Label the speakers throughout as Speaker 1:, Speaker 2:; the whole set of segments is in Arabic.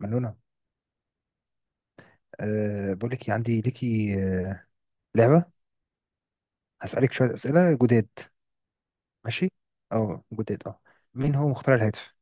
Speaker 1: منونة. بقول لك إيه، عندي ليكي أه لعبة. هسألك شوية أسئلة جداد. ماشي، أو جداد مين هو مخترع الهاتف؟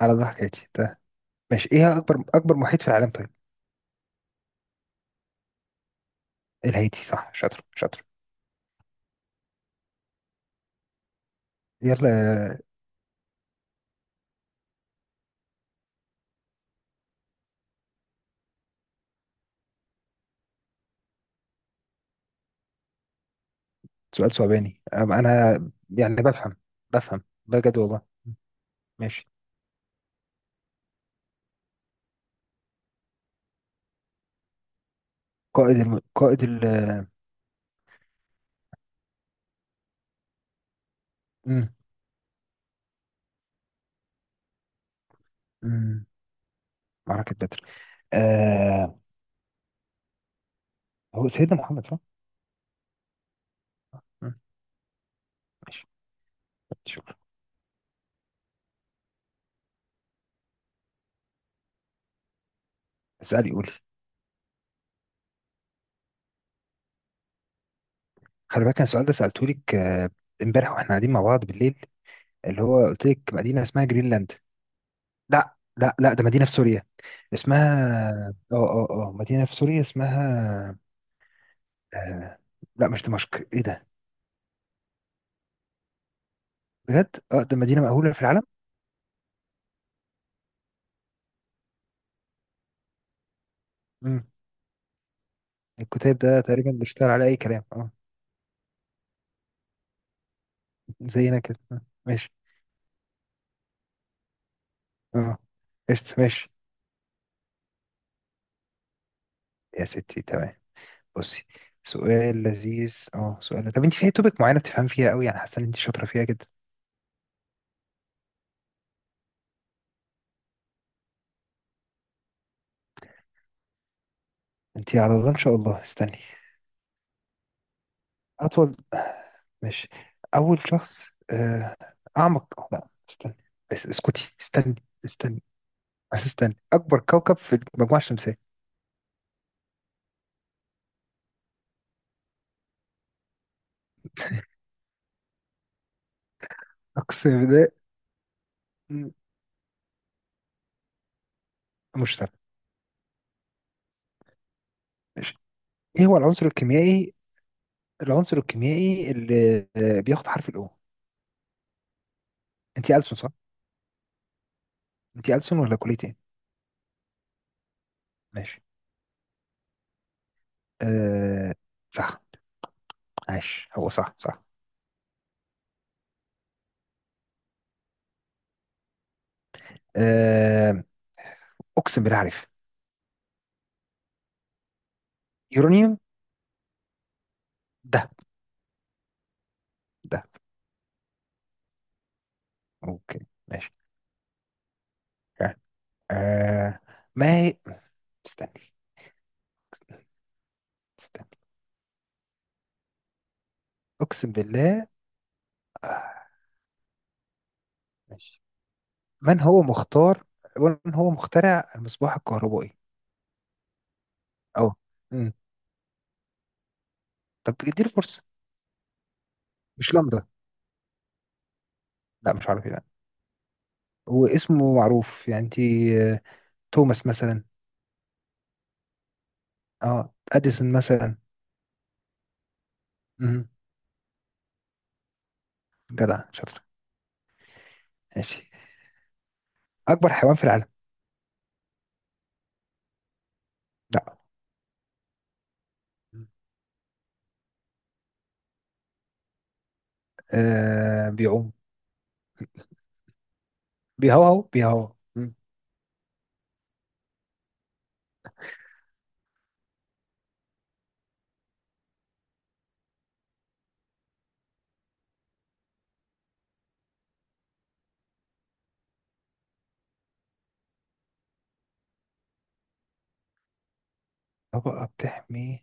Speaker 1: على ضحك هاتي ده. ماشي، إيه هي أكبر محيط في العالم؟ طيب، الهادي صح، شاطر شاطر. يلا. آه، سؤال أنا يعني بفهم بجد والله. ماشي. قائد ال... مم. مم. معركة بدر. آه... هو سيدنا محمد صح؟ مم. ماشي. شكرا. اسألي، قولي. خلي بالك أنا السؤال ده سألته لك امبارح واحنا قاعدين مع بعض بالليل، اللي هو قلت لك مدينة اسمها جرينلاند. لا، ده مدينة في سوريا اسمها... اه مدينة في سوريا اسمها... آه... لا مش دمشق، ايه ده؟ بجد، اه ده مدينة مأهولة في العالم. امم، الكتاب ده تقريبا بيشتغل على اي كلام، اه زينا كده. ماشي، اه. قشطة ماشي. يا ستي تمام، بصي. سؤال لذيذ، اه سؤال. طب انت في توبك معينة بتفهم فيها قوي، يعني حاسة ان انت شاطرة فيها جدا؟ انت على الله ان شاء الله. استني، أطول، ماشي، أول شخص، أعمق. لا استنى، بس اسكتي، استني، بس استني. أكبر كوكب في المجموعة الشمسية. أقسم بالله. م- مشتري. ماشي. إيه هو العنصر الكيميائي، العنصر الكيميائي اللي آه، بياخد حرف الأو؟ أنت ألسن صح؟ أنت ألسن ولا كلية إيه؟ ماشي، أه صح، عاش، هو صح صح. أه أقسم بالله عارف، يورانيوم. ده ده، أوكي ماشي، أه. آه، ما هي... استني، استنى، أقسم بالله. آه، ماشي. من هو مختار من هو مخترع المصباح الكهربائي؟ أه، أمم. طب اديله فرصة، مش لمبة؟ لا مش عارف، لا. هو اسمه معروف يعني، أنت توماس مثلا، أه أديسون مثلا. أمم. جدع شاطر. ماشي، أكبر حيوان في العالم؟ لا، مم، بيعوم. بيهوهو بيهوهو، مم. طبقة بتحمي...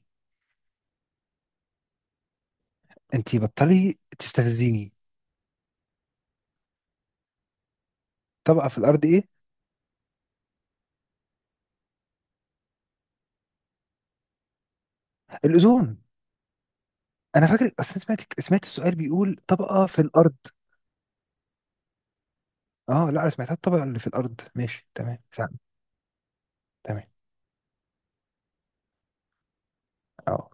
Speaker 1: انتي بطلي تستفزيني. طبقة في الأرض إيه؟ الأوزون. انا فاكر، اصل أنا سمعت السؤال بيقول طبقه في الارض. اه لا انا سمعتها الطبقه اللي في الارض، ماشي تمام فاهم. تمام، اه.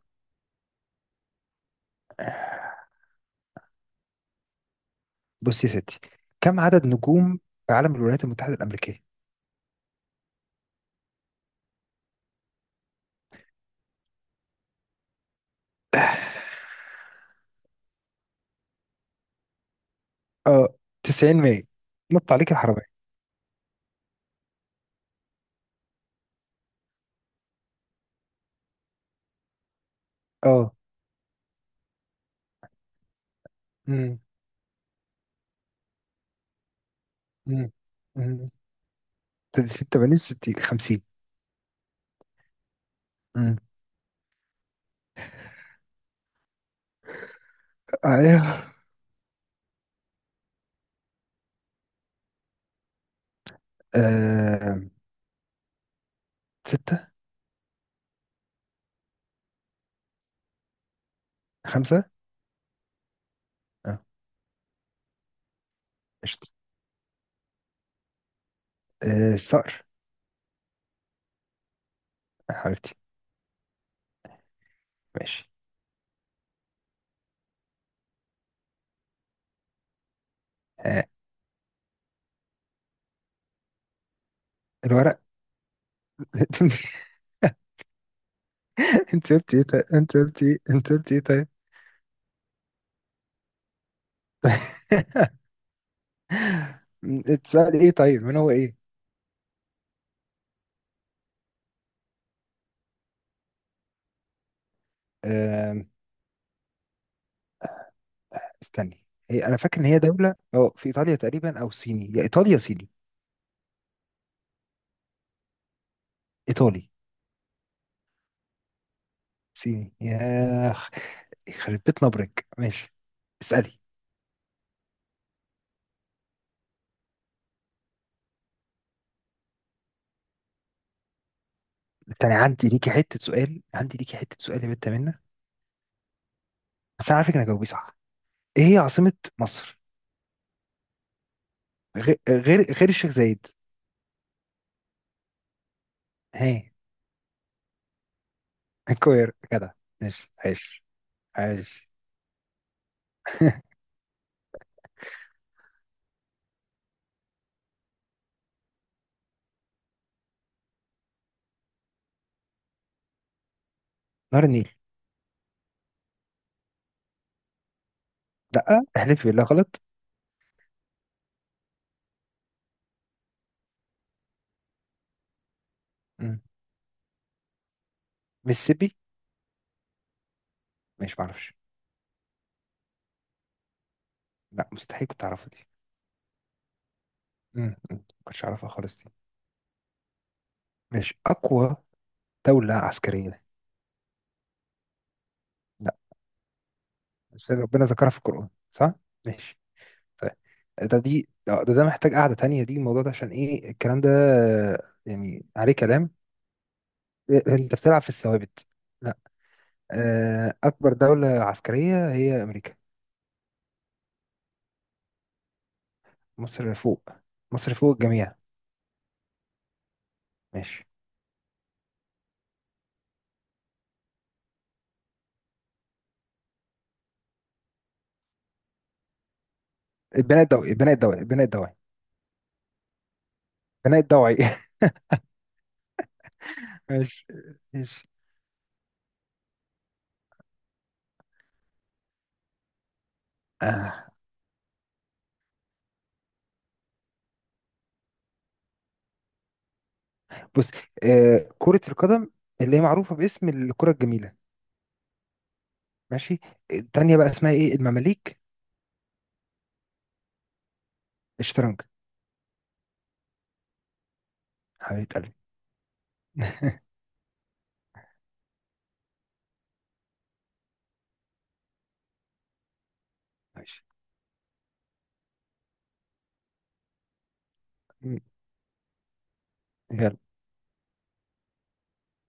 Speaker 1: بص يا ستي، كم عدد نجوم في عالم الولايات المتحده الامريكيه؟ اه 90 100، نط عليك الحرامية. اه امم امم امم. 80 60 50. امم، ايوه. آه. ستة، خمسة. اه قشطة. آه، الصقر. حبيبتي ماشي. آه، الورق. انت قلت ايه طيب؟ انت قلت ايه طيب. السؤال ايه طيب، من هو ايه. آم، استني، هي انا فاكر ان هي دولة اه في ايطاليا تقريبا او صيني، يا ايطاليا يا صيني. ايطالي. صيني ياخ، يخرب بيت نبرك. ماشي، اسألي. تاني، عندي ليكي حتة سؤال، عندي ليكي حتة سؤال يا بنت منه، بس انا عارفك انك هتجاوبيه صح. ايه هي عاصمة مصر؟ غير الشيخ زايد. هي؟ القاهرة كده، ماشي عايش عايش. نهر النيل. لا احلفي بالله غلط؟ مم، ميسيبي. مش، معرفش. لا مستحيل كنت اعرفه. مم، ما كنتش اعرفها خالص دي. ماشي. اقوى دولة عسكرية؟ لا، بس ربنا ذكرها في القرآن صح؟ ماشي طيب. ده محتاج قعدة تانية دي، الموضوع ده عشان ايه الكلام ده يعني؟ عليه كلام. إيه، انت بتلعب في الثوابت. لا. آه، اكبر دولة عسكرية هي امريكا. مصر فوق، مصر فوق الجميع. ماشي. البناء الضوئي. البناء الضوئي. ماشي ماشي. آه، بص. آه، كرة القدم، اللي هي معروفة باسم الكرة الجميلة. ماشي. التانية بقى اسمها ايه، المماليك؟ الشطرنج. حبيبة قلبي. ماشي. م. يلا.